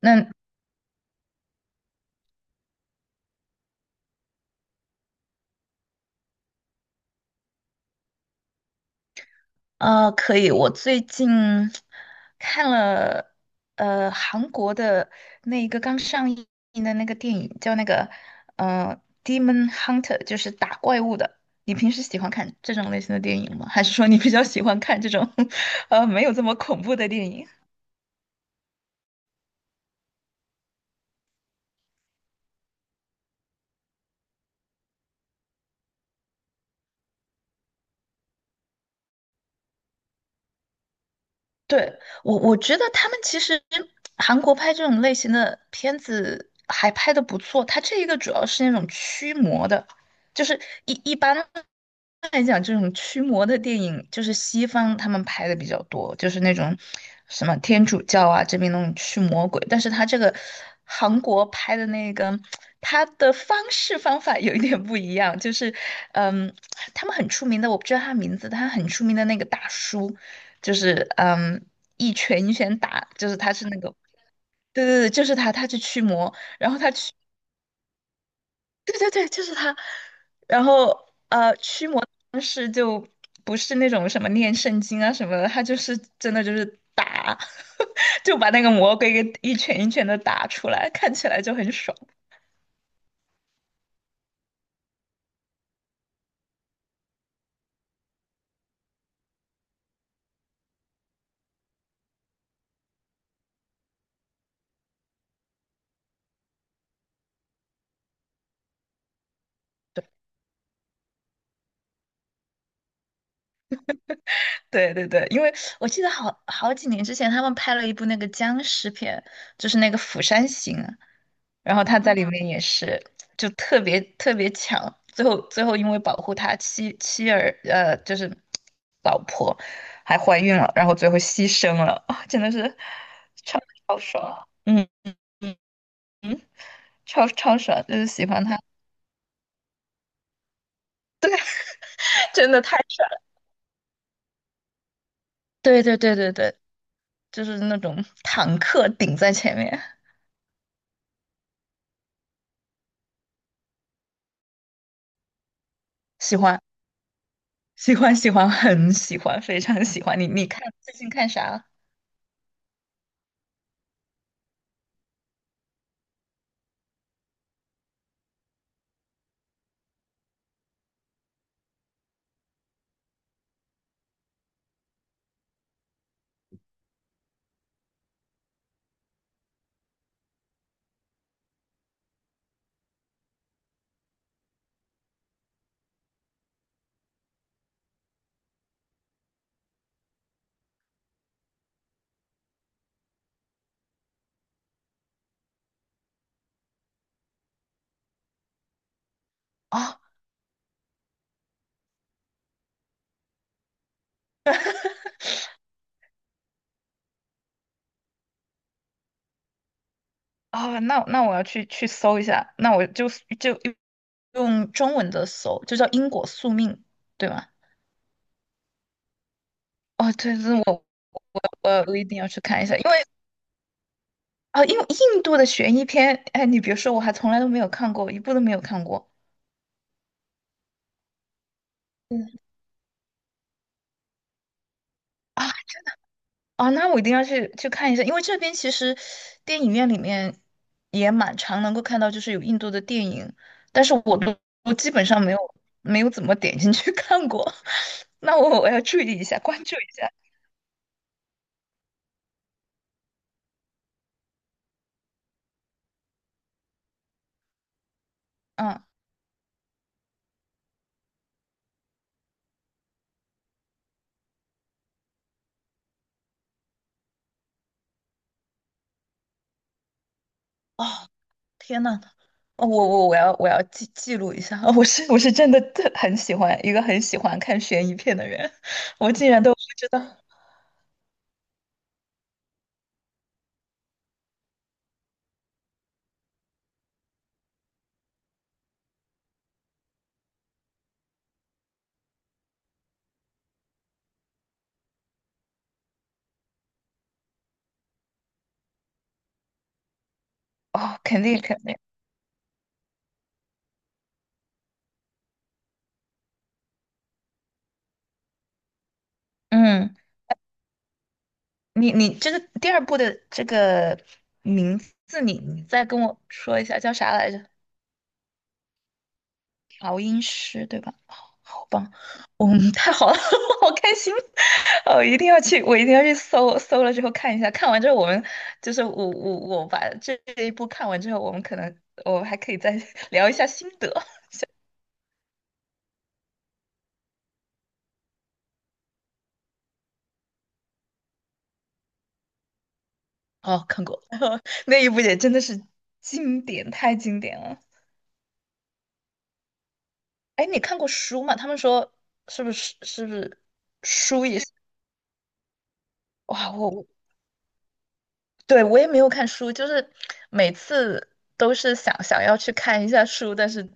那可以。我最近看了韩国的那一个刚上映的那个电影，叫那个呃《Demon Hunter》，就是打怪物的。你平时喜欢看这种类型的电影吗？还是说你比较喜欢看这种 没有这么恐怖的电影？对，我觉得他们其实韩国拍这种类型的片子还拍的不错，它这一个主要是那种驱魔的，就是一般来讲，这种驱魔的电影就是西方他们拍的比较多，就是那种什么天主教啊这边那种驱魔鬼，但是他这个韩国拍的那个，他的方式方法有一点不一样，就是嗯，他们很出名的，我不知道他名字，他很出名的那个大叔。就是一拳一拳打，就是他是那个，对对对，就是他去驱魔，然后对对对，就是他，然后驱魔的方式就不是那种什么念圣经啊什么的，他就是真的就是打，就把那个魔鬼给一拳一拳的打出来，看起来就很爽。对对对，因为我记得好几年之前，他们拍了一部那个僵尸片，就是那个《釜山行》，然后他在里面也是就特别特别强，最后因为保护他妻妻儿呃就是老婆还怀孕了，然后最后牺牲了，啊真的是超超爽，嗯嗯嗯，超爽，就是喜欢他，真的太爽，对对对对对，就是那种坦克顶在前面，喜欢喜欢喜欢，很喜欢，非常喜欢。你看最近看啥啊？哦啊，那我要去搜一下，那我就用中文的搜，就叫因果宿命，对吗？哦，对，这我一定要去看一下，因为印度的悬疑片，哎，你别说，我还从来都没有看过，一部都没有看过嗯，啊啊，那我一定要去看一下，因为这边其实电影院里面也蛮常能够看到，就是有印度的电影，但是我基本上没有怎么点进去看过，那我要注意一下，关注一下。嗯，哦，天呐，哦我要记录一下，我是真的特很喜欢一个很喜欢看悬疑片的人，我竟然都不知道，哦，肯定肯定，嗯，你这个第二部的这个名字你再跟我说一下叫啥来着？调音师，对吧？好棒，嗯，太好了，好开心，哦，一定要去，我一定要去搜了之后看一下，看完之后我们就是我把这一部看完之后，我们可能我还可以再 聊一下心得。哦，看过 那一部也真的是经典，太经典了。哎，你看过书吗？他们说是不是是不是？哇，对，我也没有看书，就是每次都是想要去看一下书，但是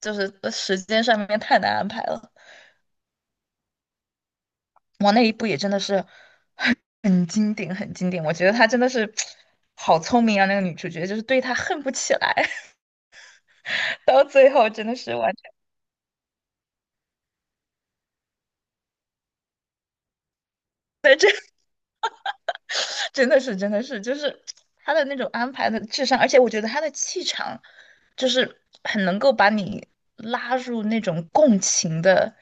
就是时间上面太难安排了。哇，那一部也真的是很很经典，很经典。我觉得她真的是 好聪明啊，那个女主角就是对她恨不起来，到最后真的是完。真的是，真的是，就是他的那种安排的智商，而且我觉得他的气场，就是很能够把你拉入那种共情的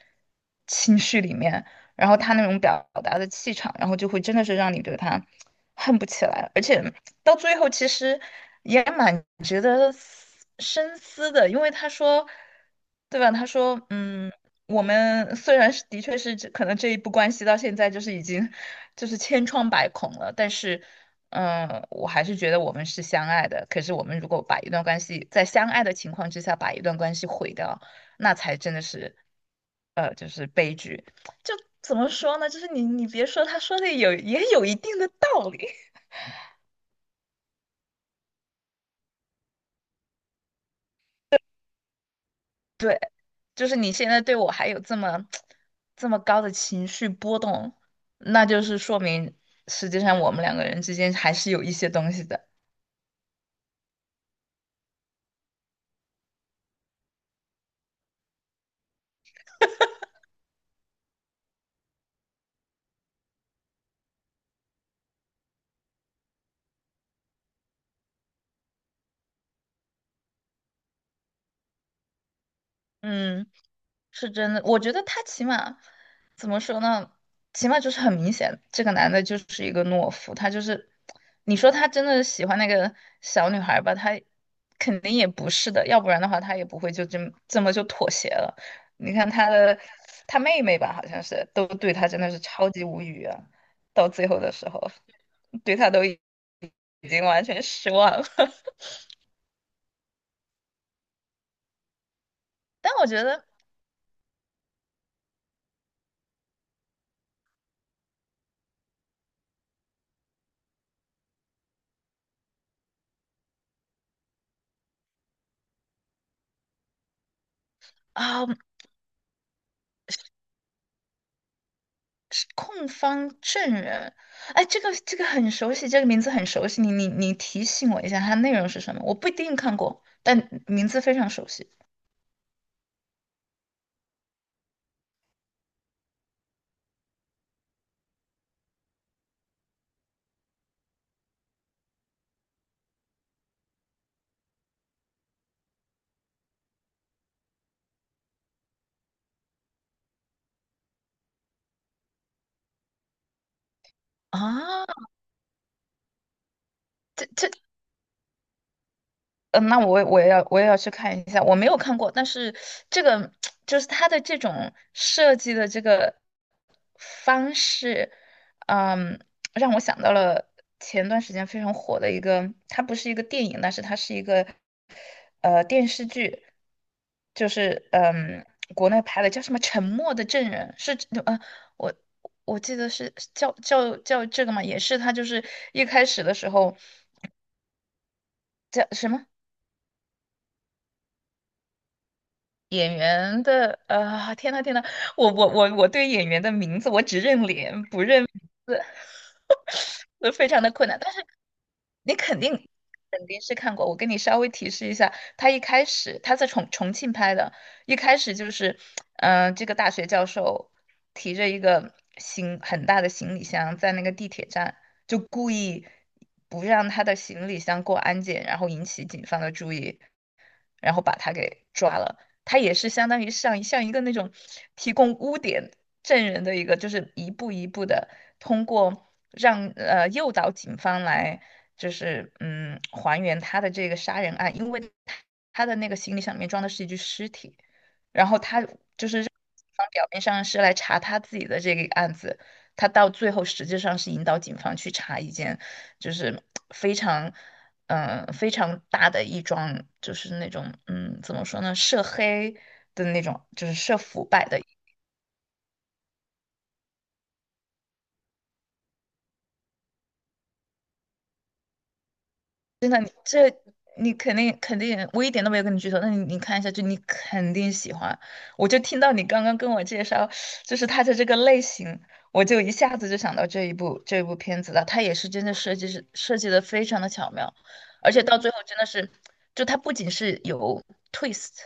情绪里面，然后他那种表达的气场，然后就会真的是让你对他恨不起来，而且到最后其实也蛮值得深思的，因为他说，对吧？他说，嗯。我们虽然是的确是这可能这一步关系到现在就是已经就是千疮百孔了，但是，我还是觉得我们是相爱的。可是我们如果把一段关系在相爱的情况之下把一段关系毁掉，那才真的是，就是悲剧。就怎么说呢？就是你别说，他说的有也有一定的道理。就是你现在对我还有这么 这么高的情绪波动，那就是说明实际上我们两个人之间还是有一些东西的。嗯，是真的，我觉得他起码怎么说呢？起码就是很明显，这个男的就是一个懦夫，他就是，你说他真的喜欢那个小女孩吧，他肯定也不是的，要不然的话他也不会就这么就妥协了。你看他妹妹吧，好像是都对他真的是超级无语啊，到最后的时候对他都已经完全失望了。但我觉得啊。控方证人，哎，这个很熟悉，这个名字很熟悉。你提醒我一下，它内容是什么？我不一定看过，但名字非常熟悉啊。这这嗯，那我也要去看一下，我没有看过，但是这个就是它的这种设计的这个方式，嗯，让我想到了前段时间非常火的一个，它不是一个电影，但是它是一个电视剧，就是国内拍的叫什么《沉默的证人》，呃我我记得是叫这个嘛，也是他就是一开始的时候叫什么？演员的，天呐天呐，我对演员的名字我只认脸不认名字，非常的困难。但是。你肯定是看过。我跟你稍微提示一下，他一开始他在重庆拍的，一开始就是，这个大学教授提着一个很大的行李箱在那个地铁站，就故意不让他的行李箱过安检，然后引起警方的注意，然后把他给抓了。他也是相当于像一个那种提供污点证人的一个，就是一步一步的通过诱导警方来，就是还原他的这个杀人案，因为他的那个行李箱里面装的是一具尸体，然后他就是让警方表面上是来查他自己的这个案子，他到最后实际上是引导警方去查一件就是非常。非常大的一桩，就是那种，怎么说呢，涉黑的那种，就是涉腐败的这你肯定，我一点都没有跟你剧透，那你看一下就你肯定喜欢。我就听到你刚刚跟我介绍，就是它的这个类型，我就一下子就想到这一部片子了。它也是真的设计是设计的非常的巧妙，而且到最后真的是，就它不仅是有 twist，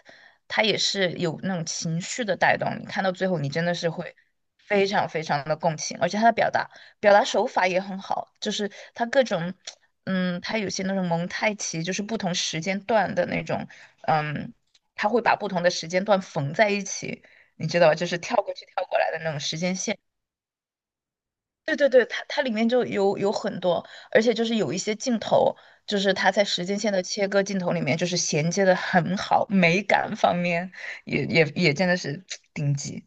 它也是有那种情绪的带动。你看到最后，你真的是会非常非常的共情，而且它的表达。表达手法也很好，就是它各种，它有些那种蒙太奇，就是不同时间段的那种，嗯，它会把不同的时间段缝在一起，你知道吧？就是跳过去跳过来的那种时间线。对对对，它里面就有很多，而且就是有一些镜头，就是它在时间线的切割镜头里面，就是衔接的很好，美感方面也真的是 顶级。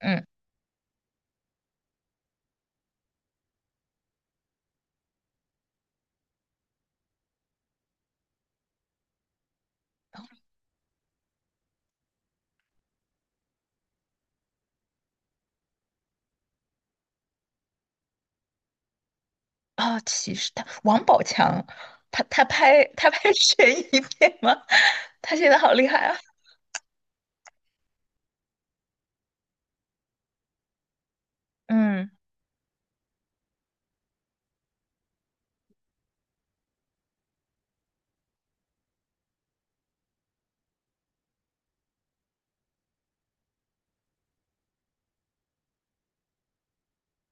嗯。哦，其实他王宝强，他拍 悬疑片吗？他现在好厉害啊！嗯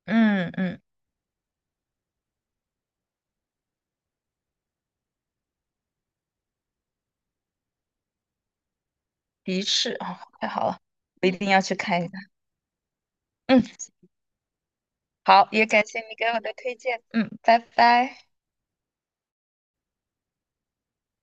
嗯嗯，的确啊，太好了，我一定要去看一看。嗯，好，也感谢你给我的推荐。嗯，拜拜。